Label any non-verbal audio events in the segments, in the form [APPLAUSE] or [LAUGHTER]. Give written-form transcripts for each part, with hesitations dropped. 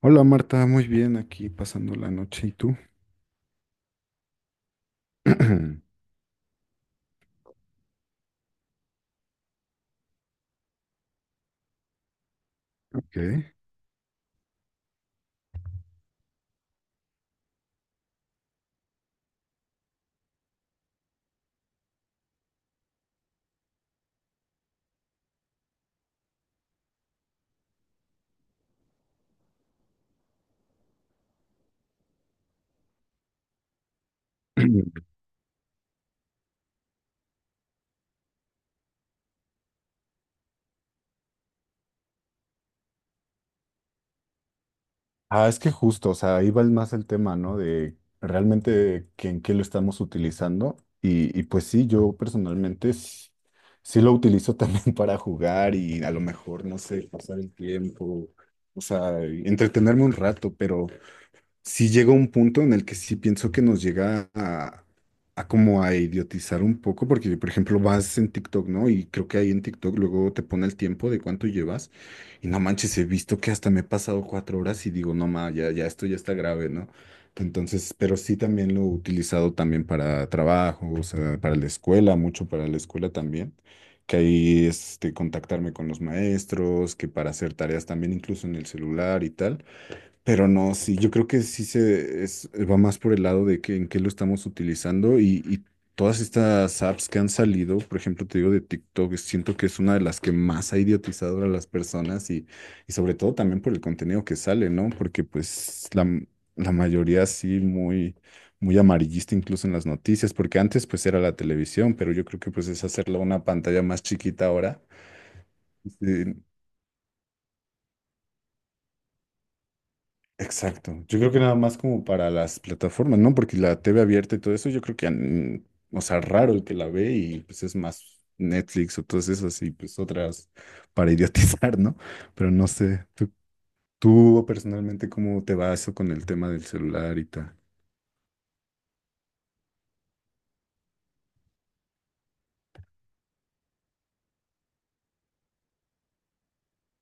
Hola Marta, muy bien aquí pasando la noche. ¿Y tú? [CLEARS THROAT] Ok. [CLEARS THROAT] Ah, es que justo, o sea, ahí va más el tema, ¿no? De realmente que, en qué lo estamos utilizando. Y pues sí, yo personalmente sí, lo utilizo también [LAUGHS] para jugar y a lo mejor, no sé, pasar el tiempo, o sea, entretenerme un rato, pero sí llega un punto en el que sí pienso que nos llega a como a idiotizar un poco, porque por ejemplo vas en TikTok, ¿no? Y creo que ahí en TikTok luego te pone el tiempo de cuánto llevas y no manches, he visto que hasta me he pasado 4 horas y digo, no ma, ya, ya esto ya está grave, ¿no? Entonces, pero sí también lo he utilizado también para trabajo, o sea, para la escuela, mucho para la escuela también. Que ahí este, contactarme con los maestros, que para hacer tareas también incluso en el celular y tal. Pero no, sí, yo creo que sí se va más por el lado de que en qué lo estamos utilizando y todas estas apps que han salido, por ejemplo, te digo de TikTok, siento que es una de las que más ha idiotizado a las personas y sobre todo también por el contenido que sale, ¿no? Porque pues la mayoría sí muy, muy amarillista incluso en las noticias, porque antes pues era la televisión, pero yo creo que pues es hacerla una pantalla más chiquita ahora. Sí, exacto. Yo creo que nada más como para las plataformas, ¿no? Porque la TV abierta y todo eso, yo creo que, o sea, raro el que la ve y pues es más Netflix o todas esas y pues otras para idiotizar, ¿no? Pero no sé, tú personalmente, ¿cómo te va eso con el tema del celular y tal?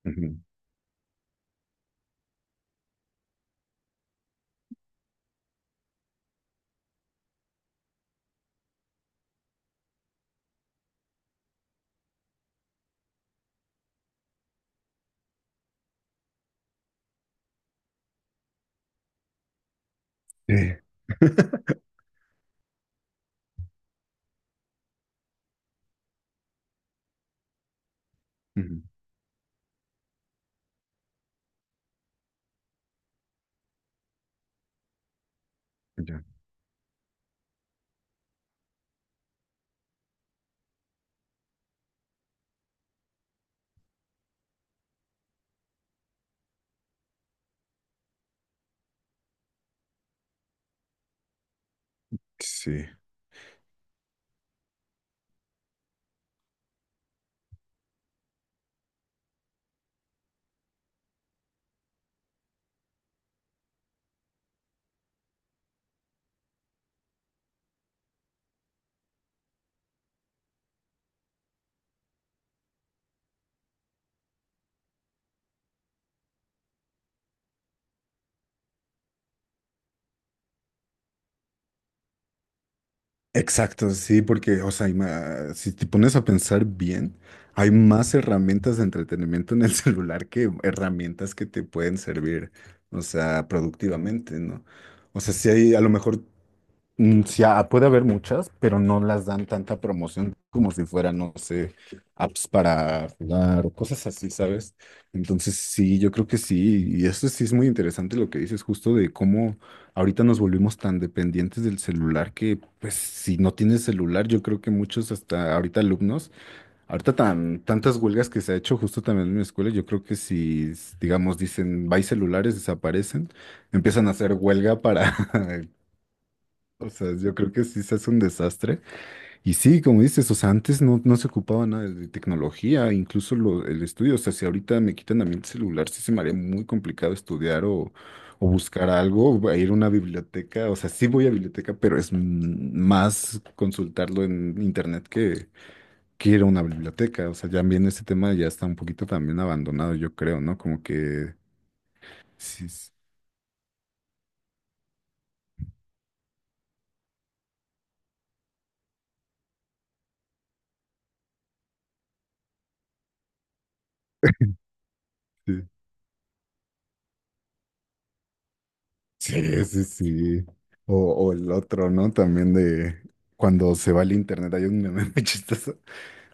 Ujú. Sí. [LAUGHS] Ujú. Ya. Sí. Exacto, sí, porque, o sea, si te pones a pensar bien, hay más herramientas de entretenimiento en el [LAUGHS] celular que herramientas que te pueden servir, o sea, productivamente, ¿no? O sea, si hay, a lo mejor. Sí, puede haber muchas, pero no las dan tanta promoción como si fueran, no sé, apps para jugar o cosas así, ¿sabes? Entonces, sí, yo creo que sí. Y eso sí es muy interesante lo que dices, justo de cómo ahorita nos volvimos tan dependientes del celular que, pues, si no tienes celular, yo creo que muchos, hasta ahorita alumnos, ahorita tantas huelgas que se ha hecho justo también en mi escuela, yo creo que si, digamos, dicen, bye celulares, desaparecen, empiezan a hacer huelga para. [LAUGHS] O sea, yo creo que sí se hace un desastre. Y sí, como dices, o sea, antes no, no se ocupaba nada de tecnología, incluso el estudio. O sea, si ahorita me quitan a mí el celular, sí se me haría muy complicado estudiar o buscar algo, o ir a una biblioteca. O sea, sí voy a biblioteca, pero es más consultarlo en internet que ir a una biblioteca. O sea, ya también ese tema ya está un poquito también abandonado, yo creo, ¿no? Como que sí. Sí. Sí, sí, sí. O el otro, ¿no? También de cuando se va el internet. Hay un meme [LAUGHS] muy chistoso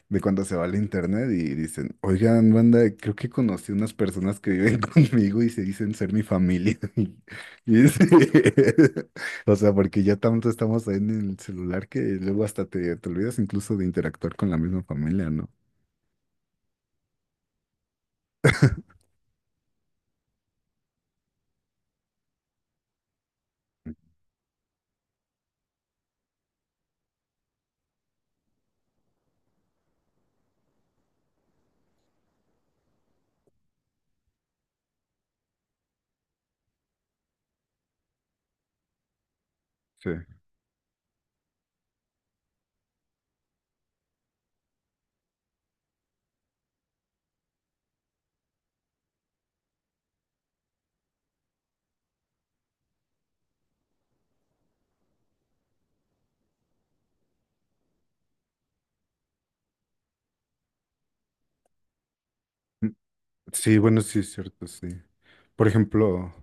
de cuando se va el internet y dicen, oigan, banda, creo que conocí unas personas que viven [LAUGHS] conmigo y se dicen ser mi familia. [LAUGHS] Y y [LAUGHS] O sea, porque ya tanto estamos ahí en el celular que luego hasta te olvidas incluso de interactuar con la misma familia, ¿no? Sí. Mm, Sí, bueno, sí, es cierto, sí. Por ejemplo,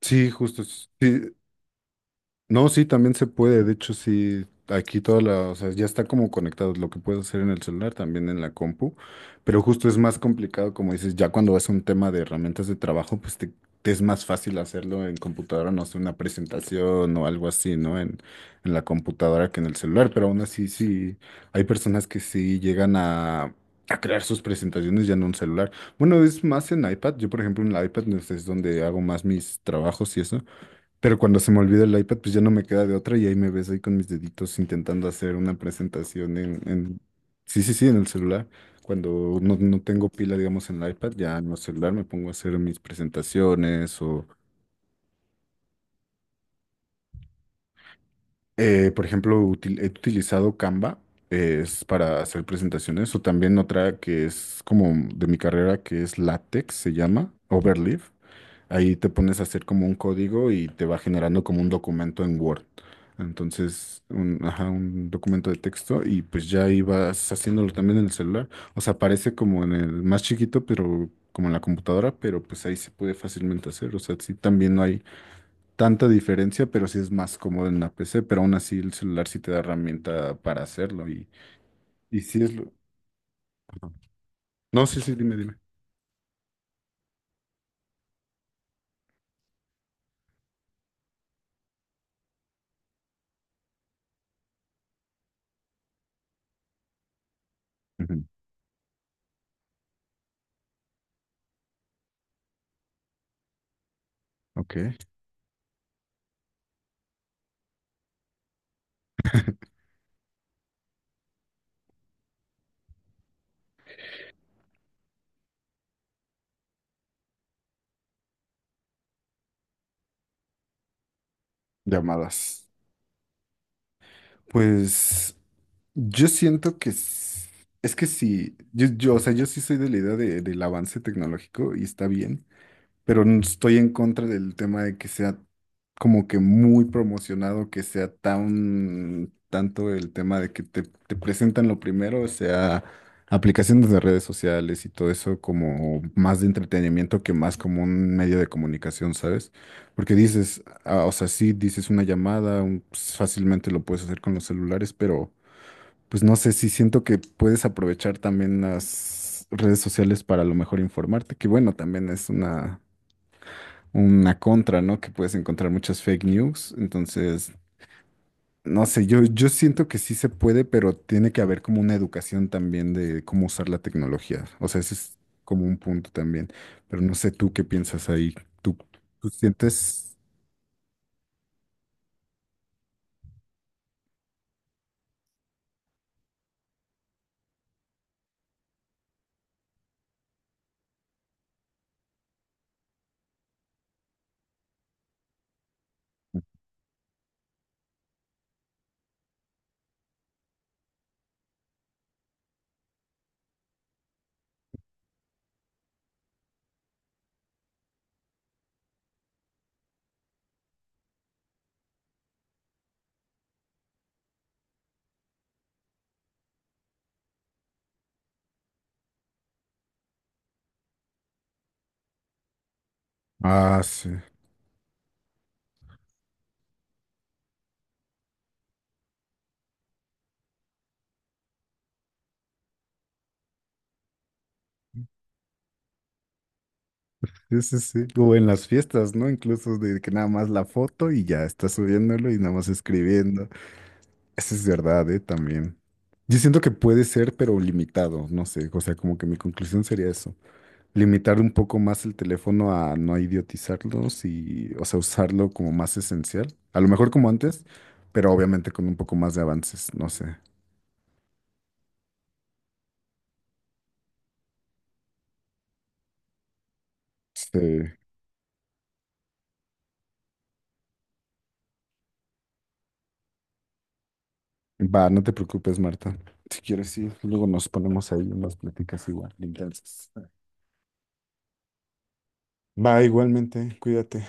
sí, justo, sí. No, sí, también se puede. De hecho, sí, aquí toda la, o sea, ya está como conectado lo que puedes hacer en el celular, también en la compu. Pero justo es más complicado, como dices, ya cuando vas a un tema de herramientas de trabajo, pues te es más fácil hacerlo en computadora, no sé, una presentación o algo así, ¿no? En la computadora que en el celular. Pero aún así, sí, hay personas que sí llegan a crear sus presentaciones ya en un celular. Bueno, es más en iPad. Yo, por ejemplo, en la iPad pues, es donde hago más mis trabajos y eso. Pero cuando se me olvida el iPad, pues ya no me queda de otra y ahí me ves ahí con mis deditos intentando hacer una presentación en... Sí, sí, sí, en el celular. Cuando no, no tengo pila, digamos, en el iPad, ya en el celular me pongo a hacer mis presentaciones o, por ejemplo, he utilizado Canva, es para hacer presentaciones o también otra que es como de mi carrera, que es LaTeX, se llama, Overleaf. Ahí te pones a hacer como un código y te va generando como un documento en Word. Entonces, un, ajá, un documento de texto y pues ya ahí vas haciéndolo también en el celular. O sea, parece como en el más chiquito, pero como en la computadora, pero pues ahí se puede fácilmente hacer. O sea, sí, también no hay tanta diferencia, pero sí es más cómodo en la PC, pero aún así el celular sí te da herramienta para hacerlo y sí es lo... Ajá. No, sí, sí, dime, dime. Ujú. Ok. Llamadas. Pues yo siento que es, que sí, o sea, yo sí soy de la idea del avance tecnológico y está bien, pero estoy en contra del tema de que sea como que muy promocionado, que sea tan tanto el tema de que te presentan lo primero, o sea, aplicaciones de redes sociales y todo eso como más de entretenimiento que más como un medio de comunicación, ¿sabes? Porque dices, ah, o sea, sí, dices una llamada, pues, fácilmente lo puedes hacer con los celulares, pero pues no sé si siento que puedes aprovechar también las redes sociales para a lo mejor informarte, que bueno, también es una contra, ¿no? Que puedes encontrar muchas fake news. Entonces, no sé, yo siento que sí se puede, pero tiene que haber como una educación también de cómo usar la tecnología. O sea, ese es como un punto también. Pero no sé tú qué piensas ahí. ¿Tú, tú sientes? Ah, sí. Sí, sí, sí. O en las fiestas, ¿no? Incluso de que nada más la foto y ya está subiéndolo y nada más escribiendo. Eso es verdad, ¿eh? También. Yo siento que puede ser, pero limitado, no sé. O sea, como que mi conclusión sería eso. Limitar un poco más el teléfono a no idiotizarlos y, o sea, usarlo como más esencial. A lo mejor como antes, pero obviamente con un poco más de avances, no sé. Este, va, no te preocupes, Marta. Si quieres, sí, luego nos ponemos ahí unas pláticas igual, de intensas. Va, igualmente, cuídate.